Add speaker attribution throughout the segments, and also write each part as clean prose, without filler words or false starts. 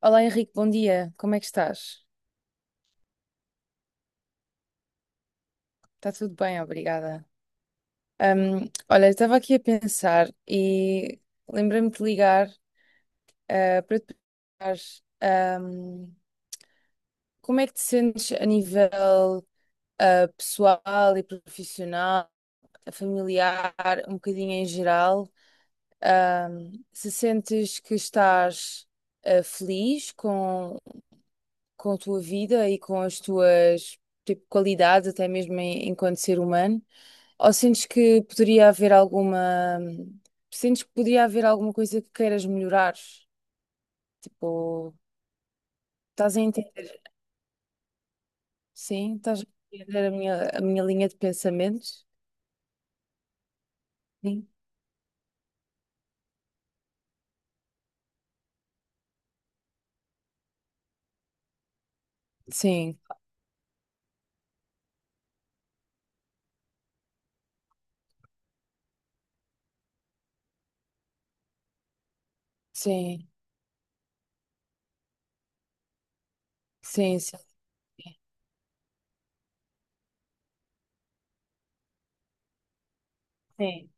Speaker 1: Olá Henrique, bom dia. Como é que estás? Está tudo bem, obrigada. Olha, eu estava aqui a pensar e lembrei-me de ligar para te perguntar ahm, como é que te sentes a nível pessoal e profissional, familiar, um bocadinho em geral. Se sentes que estás feliz com a tua vida e com as tuas tipo, qualidades, até mesmo enquanto ser humano? Ou sentes que poderia haver alguma. Sentes que poderia haver alguma coisa que queiras melhorar? Tipo, estás a entender? Sim, estás a entender a a minha linha de pensamentos? Sim, sim, sim, sim, sim. Sim,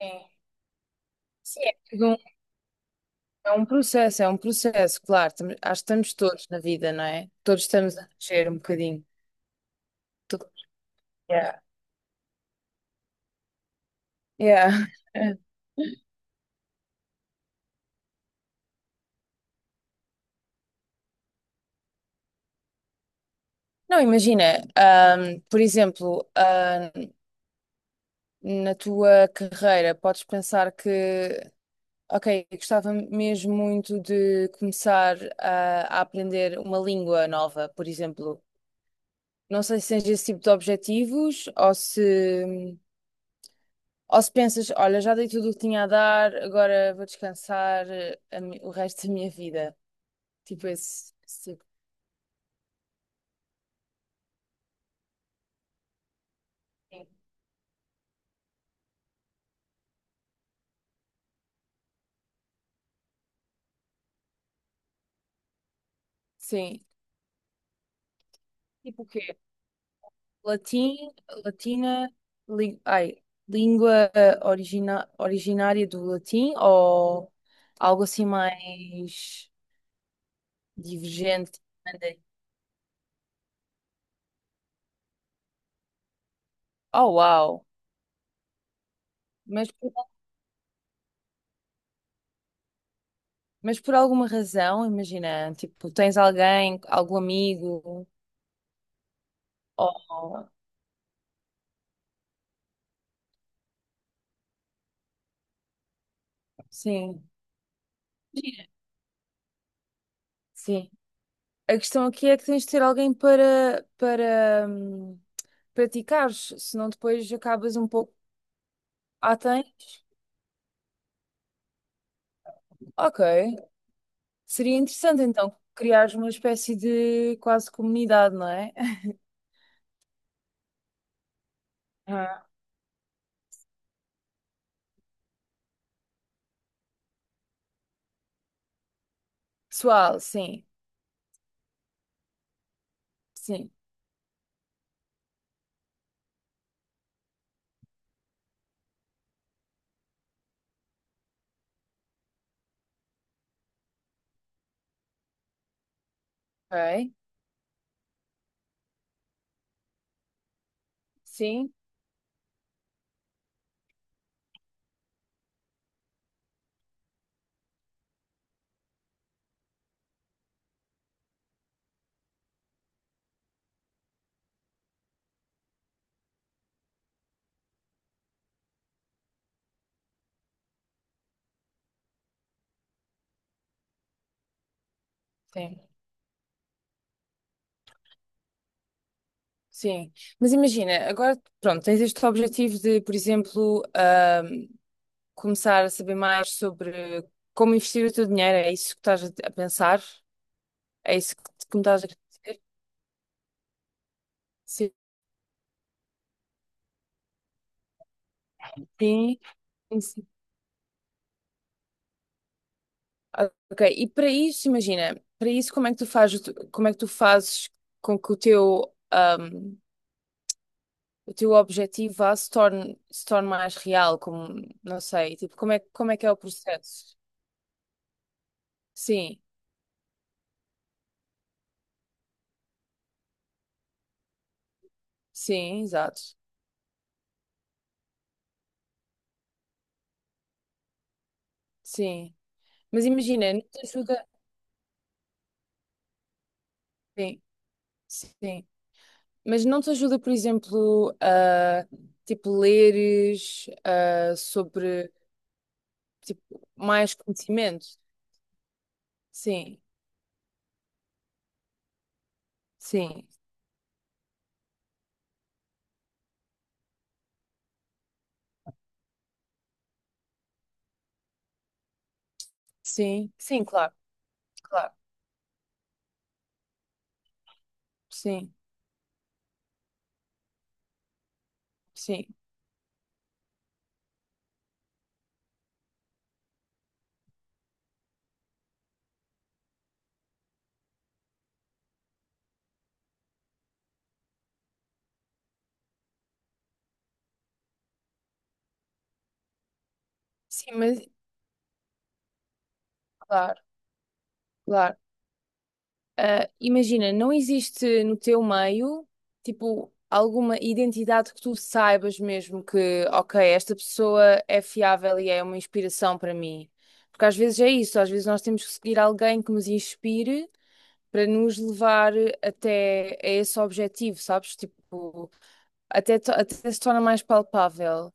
Speaker 1: sim. Sim, é tudo um é um processo, claro. Acho que estamos todos na vida, não é? Todos estamos a crescer um bocadinho. Tudo. Yeah. Yeah. Não, imagina, por exemplo, na tua carreira, podes pensar que ok, gostava mesmo muito de começar a aprender uma língua nova, por exemplo. Não sei se tens esse tipo de objetivos ou se pensas, olha, já dei tudo o que tinha a dar, agora vou descansar a o resto da minha vida. Tipo esse, esse tipo. Sim. Sim. Tipo o quê? Latim, latina, li- ai, língua origina, originária do latim ou algo assim mais divergente? Mandarim? Oh, uau! Mas, por- mas por alguma razão, imagina, tipo, tens alguém, algum amigo, ou... Sim, imagina. Sim. A questão aqui é que tens de ter alguém para praticares, senão depois acabas um pouco... Ah, tens? Ok. Seria interessante então criar uma espécie de quase comunidade, não é? Ah, pessoal, sim, sim, ok, sim, sim, sim. Mas imagina, agora, pronto, tens este objetivo de, por exemplo, começar a saber mais sobre como investir o teu dinheiro, é isso que estás a pensar? É isso que me estás a dizer? Sim, sim, sim. Ah, ok, e para isso, imagina, para isso como é que tu fazes, o como é que tu fazes com que o teu objetivo vá, se torne, se torne mais real, como, não sei, tipo, como é que é o processo? Sim, sim, exato, sim. Mas imagina, não te ajuda, sim, sim, mas não te ajuda, por exemplo, tipo, leres, sobre, tipo, mais conhecimento? Sim, sim, sim, sim, claro, claro, sim, sim, sim, mas, claro, claro. Ah, imagina, não existe no teu meio, tipo, alguma identidade que tu saibas mesmo que, ok, esta pessoa é fiável e é uma inspiração para mim. Porque às vezes é isso, às vezes nós temos que seguir alguém que nos inspire para nos levar até a esse objetivo, sabes? Tipo, até, até se torna mais palpável.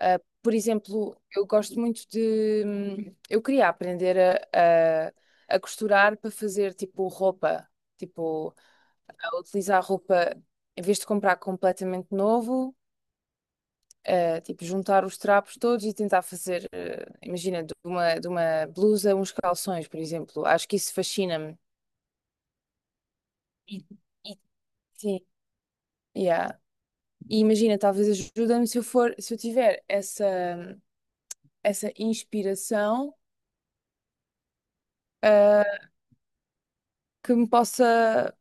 Speaker 1: Por exemplo, eu gosto muito de. Hum, eu queria aprender a, a, a costurar para fazer tipo roupa, tipo, a utilizar roupa em vez de comprar completamente novo, tipo, juntar os trapos todos e tentar fazer, imagina, de de uma blusa, uns calções, por exemplo. Acho que isso fascina-me. E, e- sim, yeah. E imagina, talvez ajuda-me se eu for, se eu tiver essa, hum, essa inspiração, uh, que me possa.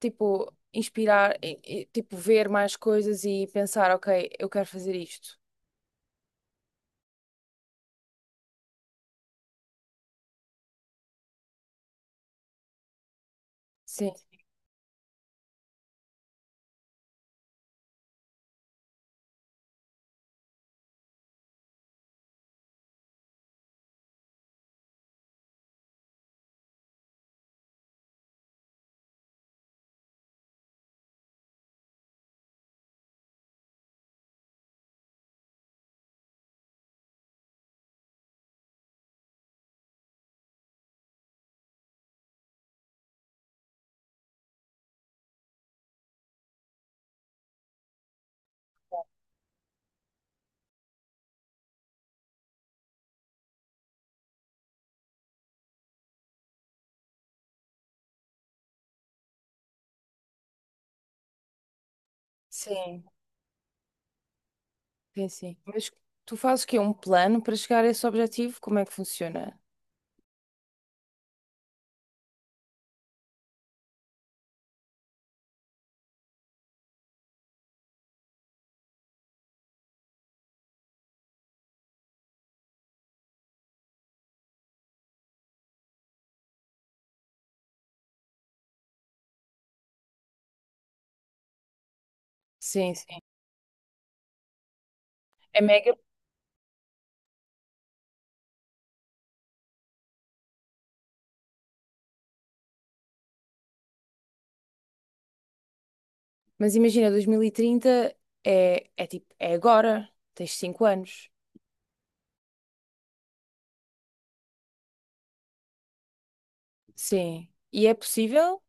Speaker 1: Tipo, inspirar, e, tipo, ver mais coisas e pensar, ok, eu quero fazer isto. Sim, sim, sim, sim. Mas tu fazes o quê? Um plano para chegar a esse objetivo? Como é que funciona? Sim, sim. É mega. Mas imagina, 2030 é, é tipo, é agora. Tens 5 anos. Sim. E é possível?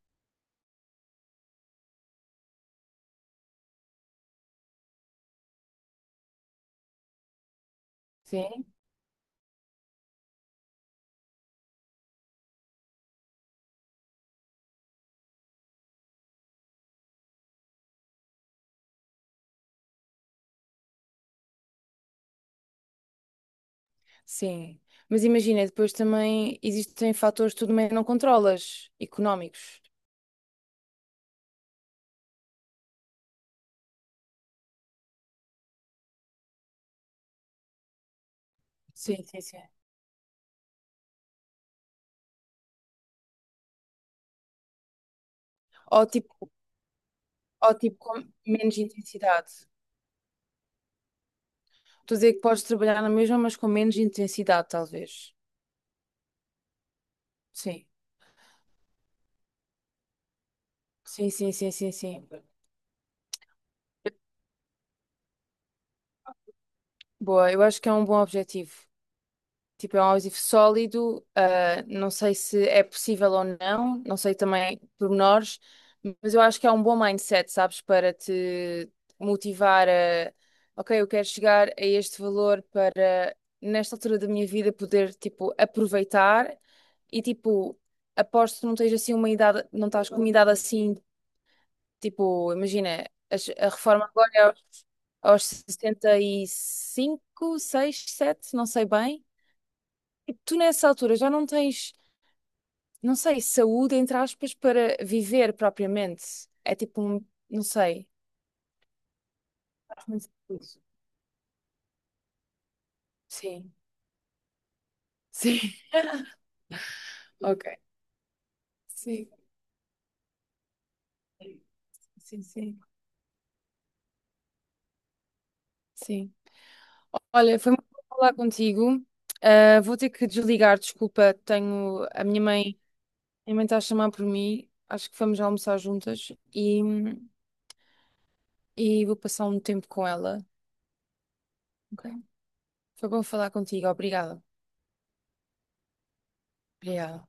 Speaker 1: Sim, sim. Mas imagina, depois também existem fatores que tu também não controlas, económicos. Sim, sim, sim. Ou tipo, ou tipo com menos intensidade. Estou a dizer que podes trabalhar na mesma, mas com menos intensidade, talvez. Sim. Sim, sim, sim, sim, sim. Boa, eu acho que é um bom objetivo. Tipo, é um objetivo sólido. Ah, não sei se é possível ou não, não sei também pormenores, mas eu acho que é um bom mindset, sabes, para te motivar ok, eu quero chegar a este valor para, nesta altura da minha vida, poder, tipo, aproveitar. E tipo, aposto que não tens assim uma idade, não estás com uma idade assim, tipo, imagina, reforma agora é aos, aos 65 6 7 não sei bem. Tu nessa altura já não tens, não sei, saúde, entre aspas, para viver propriamente. É tipo um, não sei. Acho muito difícil. Sim, sim, ok. Sim, sim, sim. Sim. Olha, foi muito bom falar contigo. Ah, vou ter que desligar, desculpa, tenho a minha mãe minha mãe está a chamar por mim, acho que vamos almoçar juntas e vou passar um tempo com ela. Ok? Foi bom falar contigo, obrigada. Obrigada.